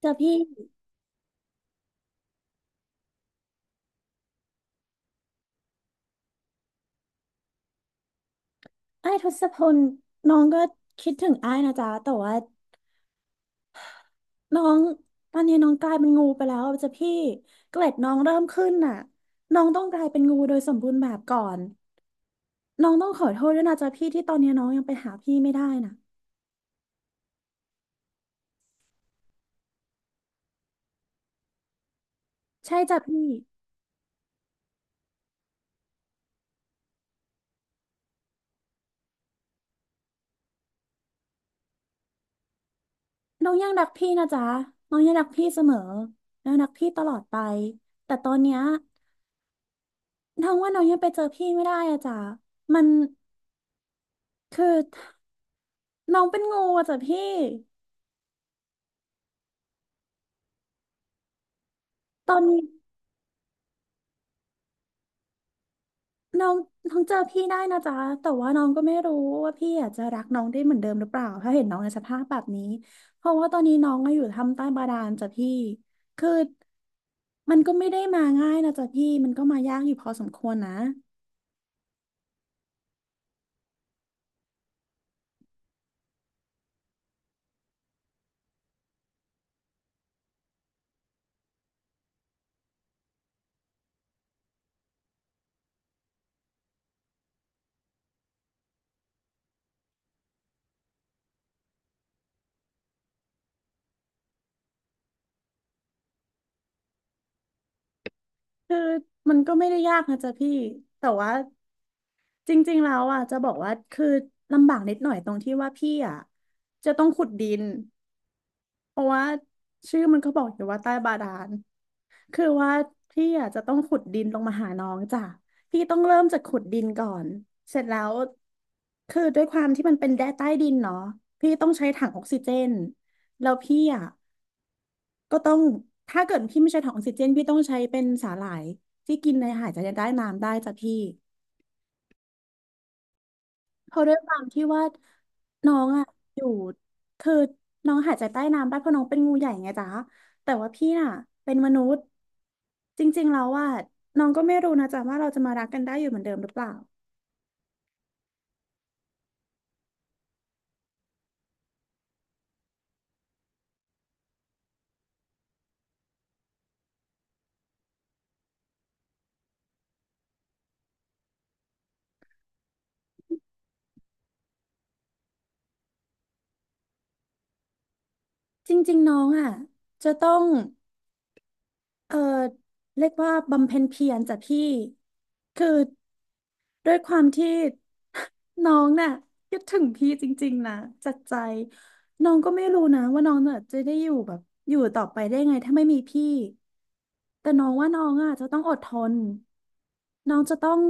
เจอพี่อ้ายทศพลน้องก็คิดถึงอ้ายนะจ๊ะแต่ว่าน้องตอนนี้น้องกลายเป็นงูไปแล้วเจอพี่เกล็ดน้องเริ่มขึ้นน่ะน้องต้องกลายเป็นงูโดยสมบูรณ์แบบก่อนน้องต้องขอโทษด้วยนะจ๊ะพี่ที่ตอนนี้น้องยังไปหาพี่ไม่ได้น่ะใช่จ้ะพี่น้องยังรักพี่นะจ๊ะน้องยังรักพี่เสมอน้องรักพี่ตลอดไปแต่ตอนเนี้ยน้องว่าน้องยังไปเจอพี่ไม่ได้อะจ๊ะมันคือน้องเป็นงูอะจ๊ะพี่ตอนนี้ น้องน้องเจอพี่ได้นะจ๊ะแต่ว่าน้องก็ไม่รู้ว่าพี่อาจจะรักน้องได้เหมือนเดิมหรือเปล่าถ้าเห็นน้องในสภาพแบบนี้เพราะว่าตอนนี้น้องก็อยู่ทำใต้บาดาลจ้ะพี่คือมันก็ไม่ได้มาง่ายนะจ๊ะพี่มันก็มายากอยู่พอสมควรนะคือมันก็ไม่ได้ยากนะจ๊ะพี่แต่ว่าจริงๆแล้วอ่ะจะบอกว่าคือลำบากนิดหน่อยตรงที่ว่าพี่อ่ะจะต้องขุดดิน เพราะว่าชื่อมันก็บอกอยู่ว่าใต้บาดาลคือว่าพี่อาจจะต้องขุดดินลงมาหาน้องจ้ะพี่ต้องเริ่มจากขุดดินก่อนเสร็จแล้วคือด้วยความที่มันเป็นแดนใต้ดินเนาะพี่ต้องใช้ถังออกซิเจนแล้วพี่อ่ะก็ต้องถ้าเกิดพี่ไม่ใช้ถังออกซิเจนพี่ต้องใช้เป็นสาหร่ายที่กินในอาหารจะได้น้ำได้จ้ะพี่ เพราะด้วยความที่ว่าน้องอ่ะอยู่คือน้องหายใจใต้น้ำได้เพราะน้องเป็นงูใหญ่ไงจ๊ะแต่ว่าพี่น่ะเป็นมนุษย์จริงๆแล้วว่าน้องก็ไม่รู้นะจ๊ะว่าเราจะมารักกันได้อยู่เหมือนเดิมหรือเปล่าจริงๆน้องอ่ะจะต้องเออเรียกว่าบำเพ็ญเพียรจ้ะพี่คือด้วยความที่น้องน่ะคิดถึงพี่จริงๆนะจัดใจน้องก็ไม่รู้นะว่าน้องน่ะจะได้อยู่แบบอยู่ต่อไปได้ไงถ้าไม่มีพี่ แต่น้องว่าน้องอ่ะจะต้องอดทนน้องจะต้อง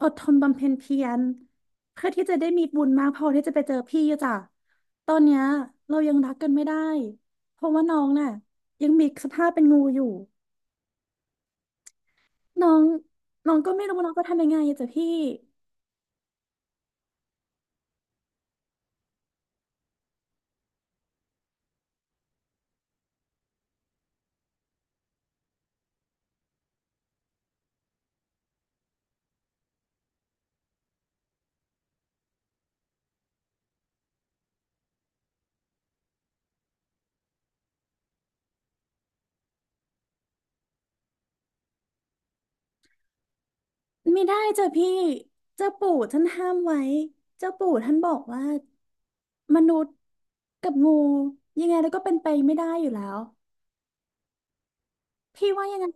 อดทนบำเพ็ญเพียรเพื่อที่จะได้มีบุญมากพอที่จะไปเจอพี่อะจ้ะตอนเนี้ยเรายังรักกันไม่ได้เพราะว่าน้องน่ะยังมีสภาพเป็นงูอยู่น้องน้องก็ไม่รู้ว่าน้องจะทำยังไงอะจ้ะพี่ไม่ได้จ้ะพี่เจ้าปู่ท่านห้ามไว้เจ้าปู่ท่านบอกว่ามนุษย์กับงูยังไงแล้วก็เป็นไปไม่ได้อยู่แล้วพี่ว่ายังไง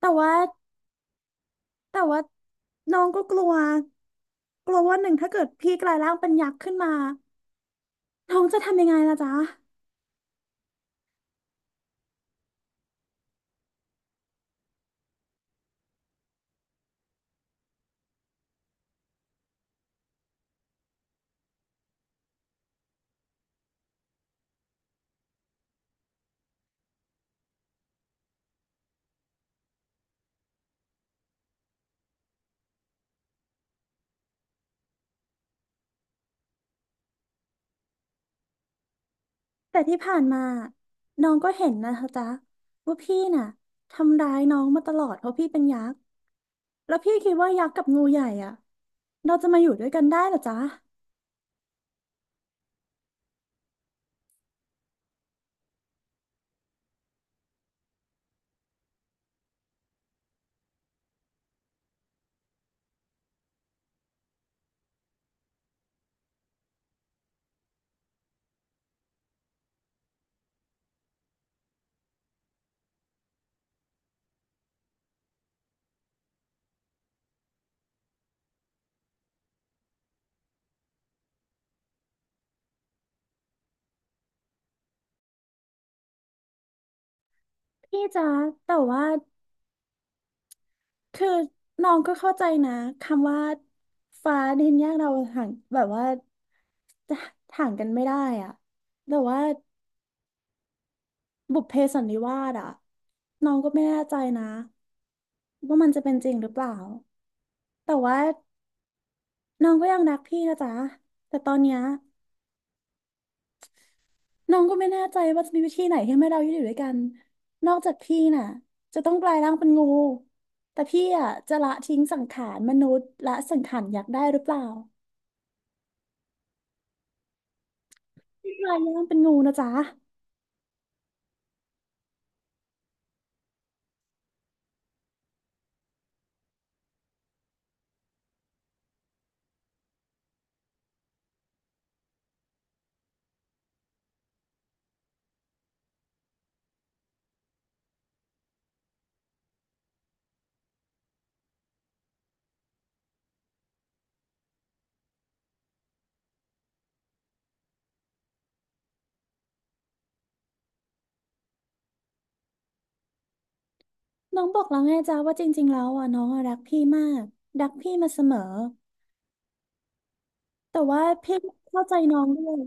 แต่ว่า แต่ว่าน้องก็กลัวกลัวว่าหนึ่งถ้าเกิดพี่กลายร่างเป็นยักษ์ขึ้นมาน้องจะทำยังไงล่ะจ๊ะแต่ที่ผ่านมาน้องก็เห็นนะคะจ๊ะว่าพี่น่ะทำร้ายน้องมาตลอดเพราะพี่เป็นยักษ์แล้วพี่คิดว่ายักษ์กับงูใหญ่อ่ะเราจะมาอยู่ด้วยกันได้เหรอจ๊ะพี่จ๊ะแต่ว่าคือน้องก็เข้าใจนะคำว่าฟ้าดินแยกเราห่างแบบว่าจะห่างกันไม่ได้อ่ะแต่ว่า บุพเพสันนิวาสอะน้องก็ไม่แน่ใจนะว่ามันจะเป็นจริงหรือเปล่าแต่ว่าน้องก็ยังรักพี่นะจ๊ะแต่ตอนเนี้ยน้องก็ไม่แน่ใจว่าจะมีวิธีไหนที่ให้เราอยู่ด้วยกันนอกจากพี่น่ะจะต้องกลายร่างเป็นงูแต่พี่อะจะละทิ้งสังขารมนุษย์ละสังขารอยากได้หรือเปล่าพี่กลายร่างเป็นงูนะจ๊ะน้องบอกแล้วไงจ๊ะว่าจริงๆแล้วอะน้องอะรักพี่มากรักพี่มาเสมอแต่ว่าพี่เข้าใจน้องด้วย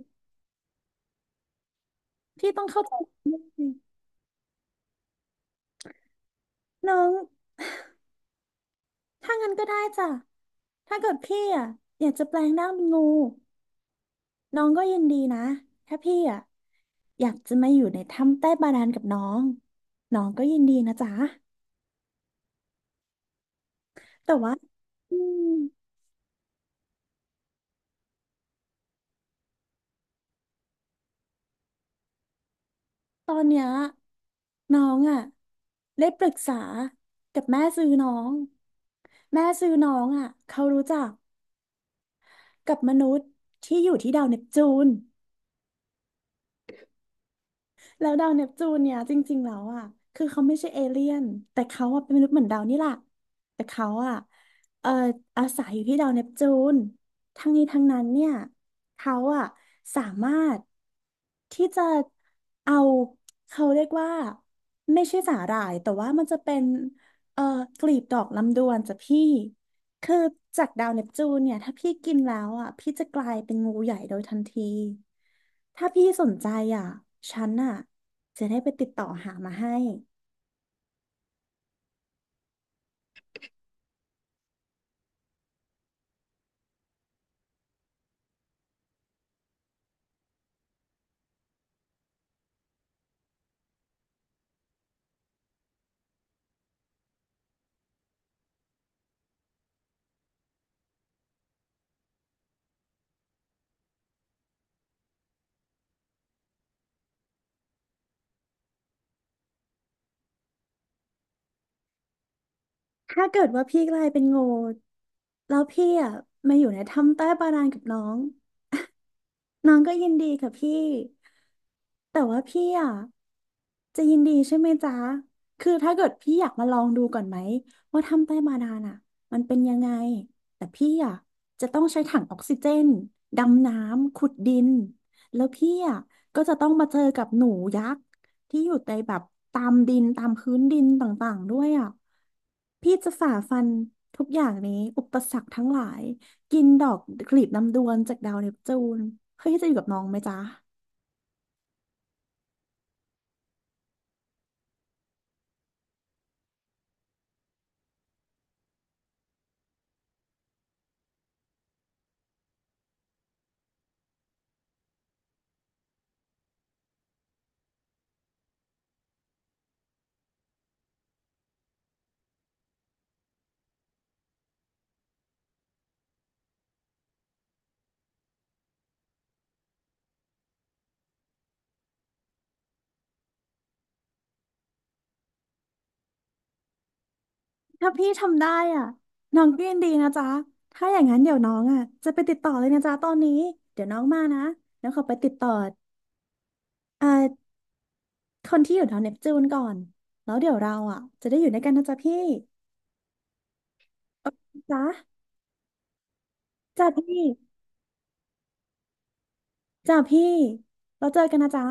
พี่ต้องเข้าใจน้องด้วย น้องถ้างั้นก็ได้จ้ะ ถ้าเกิดพี่อ่ะอยากจะแปลงร่างเป็นงูน้องก็ยินดีนะ ถ้าพี่อ่ะอยากจะมาอยู่ในถ้ำใต้บาดาลกับน้องน้องก็ยินดีนะจ๊ะแต่ว่าอืมตอนเนี้ยน้องอ่ะได้ปรึกษากับแม่ซื้อน้องแม่ซื้อน้องอ่ะเขารู้จักกับมนุษย์ที่อยู่ที่ดาวเนปจูน แล้วดาวเนปจูนเนี่ยจริงๆแล้วอ่ะคือเขาไม่ใช่เอเลี่ยนแต่เขาอ่ะเป็นมนุษย์เหมือนดาวนี่แหละแต่เขาอ่ะเอ่ออาศัยอยู่ที่ดาวเนปจูนทั้งนี้ทั้งนั้นเนี่ยเขาอ่ะสามารถที่จะเอาเขาเรียกว่าไม่ใช่สาหร่ายแต่ว่ามันจะเป็นเอ่อกลีบดอกลำดวนจ้ะพี่ คือจากดาวเนปจูนเนี่ยถ้าพี่กินแล้วอ่ะพี่จะกลายเป็นงูใหญ่โดยทันทีถ้าพี่สนใจอ่ะฉันอ่ะจะได้ไปติดต่อหามาให้ถ้าเกิดว่าพี่กลายเป็นงูแล้วพี่อ่ะมาอยู่ในถ้ำใต้บาดาลกับน้อง น้องก็ยินดีค่ะพี่ แต่ว่าพี่อ่ะจะยินดีใช่ไหมจ๊ะ คือถ้าเกิดพี่อยากมาลองดูก่อนไหมว่าทำใต้บาดาลอ่ะมันเป็นยังไง แต่พี่อ่ะจะต้องใช้ถังออกซิเจนดำน้ำขุดดินแล้วพี่อ่ะก็จะต้องมาเจอกับหนูยักษ์ที่อยู่ในแบบตามดินตามพื้นดินต่างๆด้วยอ่ะพี่จะฝ่าฟันทุกอย่างนี้อุปสรรคทั้งหลาย กินดอกกลีบลำดวนจากดาวเนปจูนเพ้อี่จะอยู่กับน้องไหมจ๊ะถ้าพี่ทำได้อ่ะน้องก็ยินดีนะจ๊ะถ้าอย่างนั้นเดี๋ยวน้องอ่ะจะไปติดต่อเลยนะจ๊ะตอนนี้ เดี๋ยวน้องมานะแล้วขอไปติดต่อเอ่อคนที่อยู่ดาวเนปจูนก่อนแล้วเดี๋ยวเราอ่ะจะได้อยู่ด้วยกันนะจ๊ะพี่จ๊ะจ้ะพี่ จ้ะพี่เราเจอกันนะจ๊ะ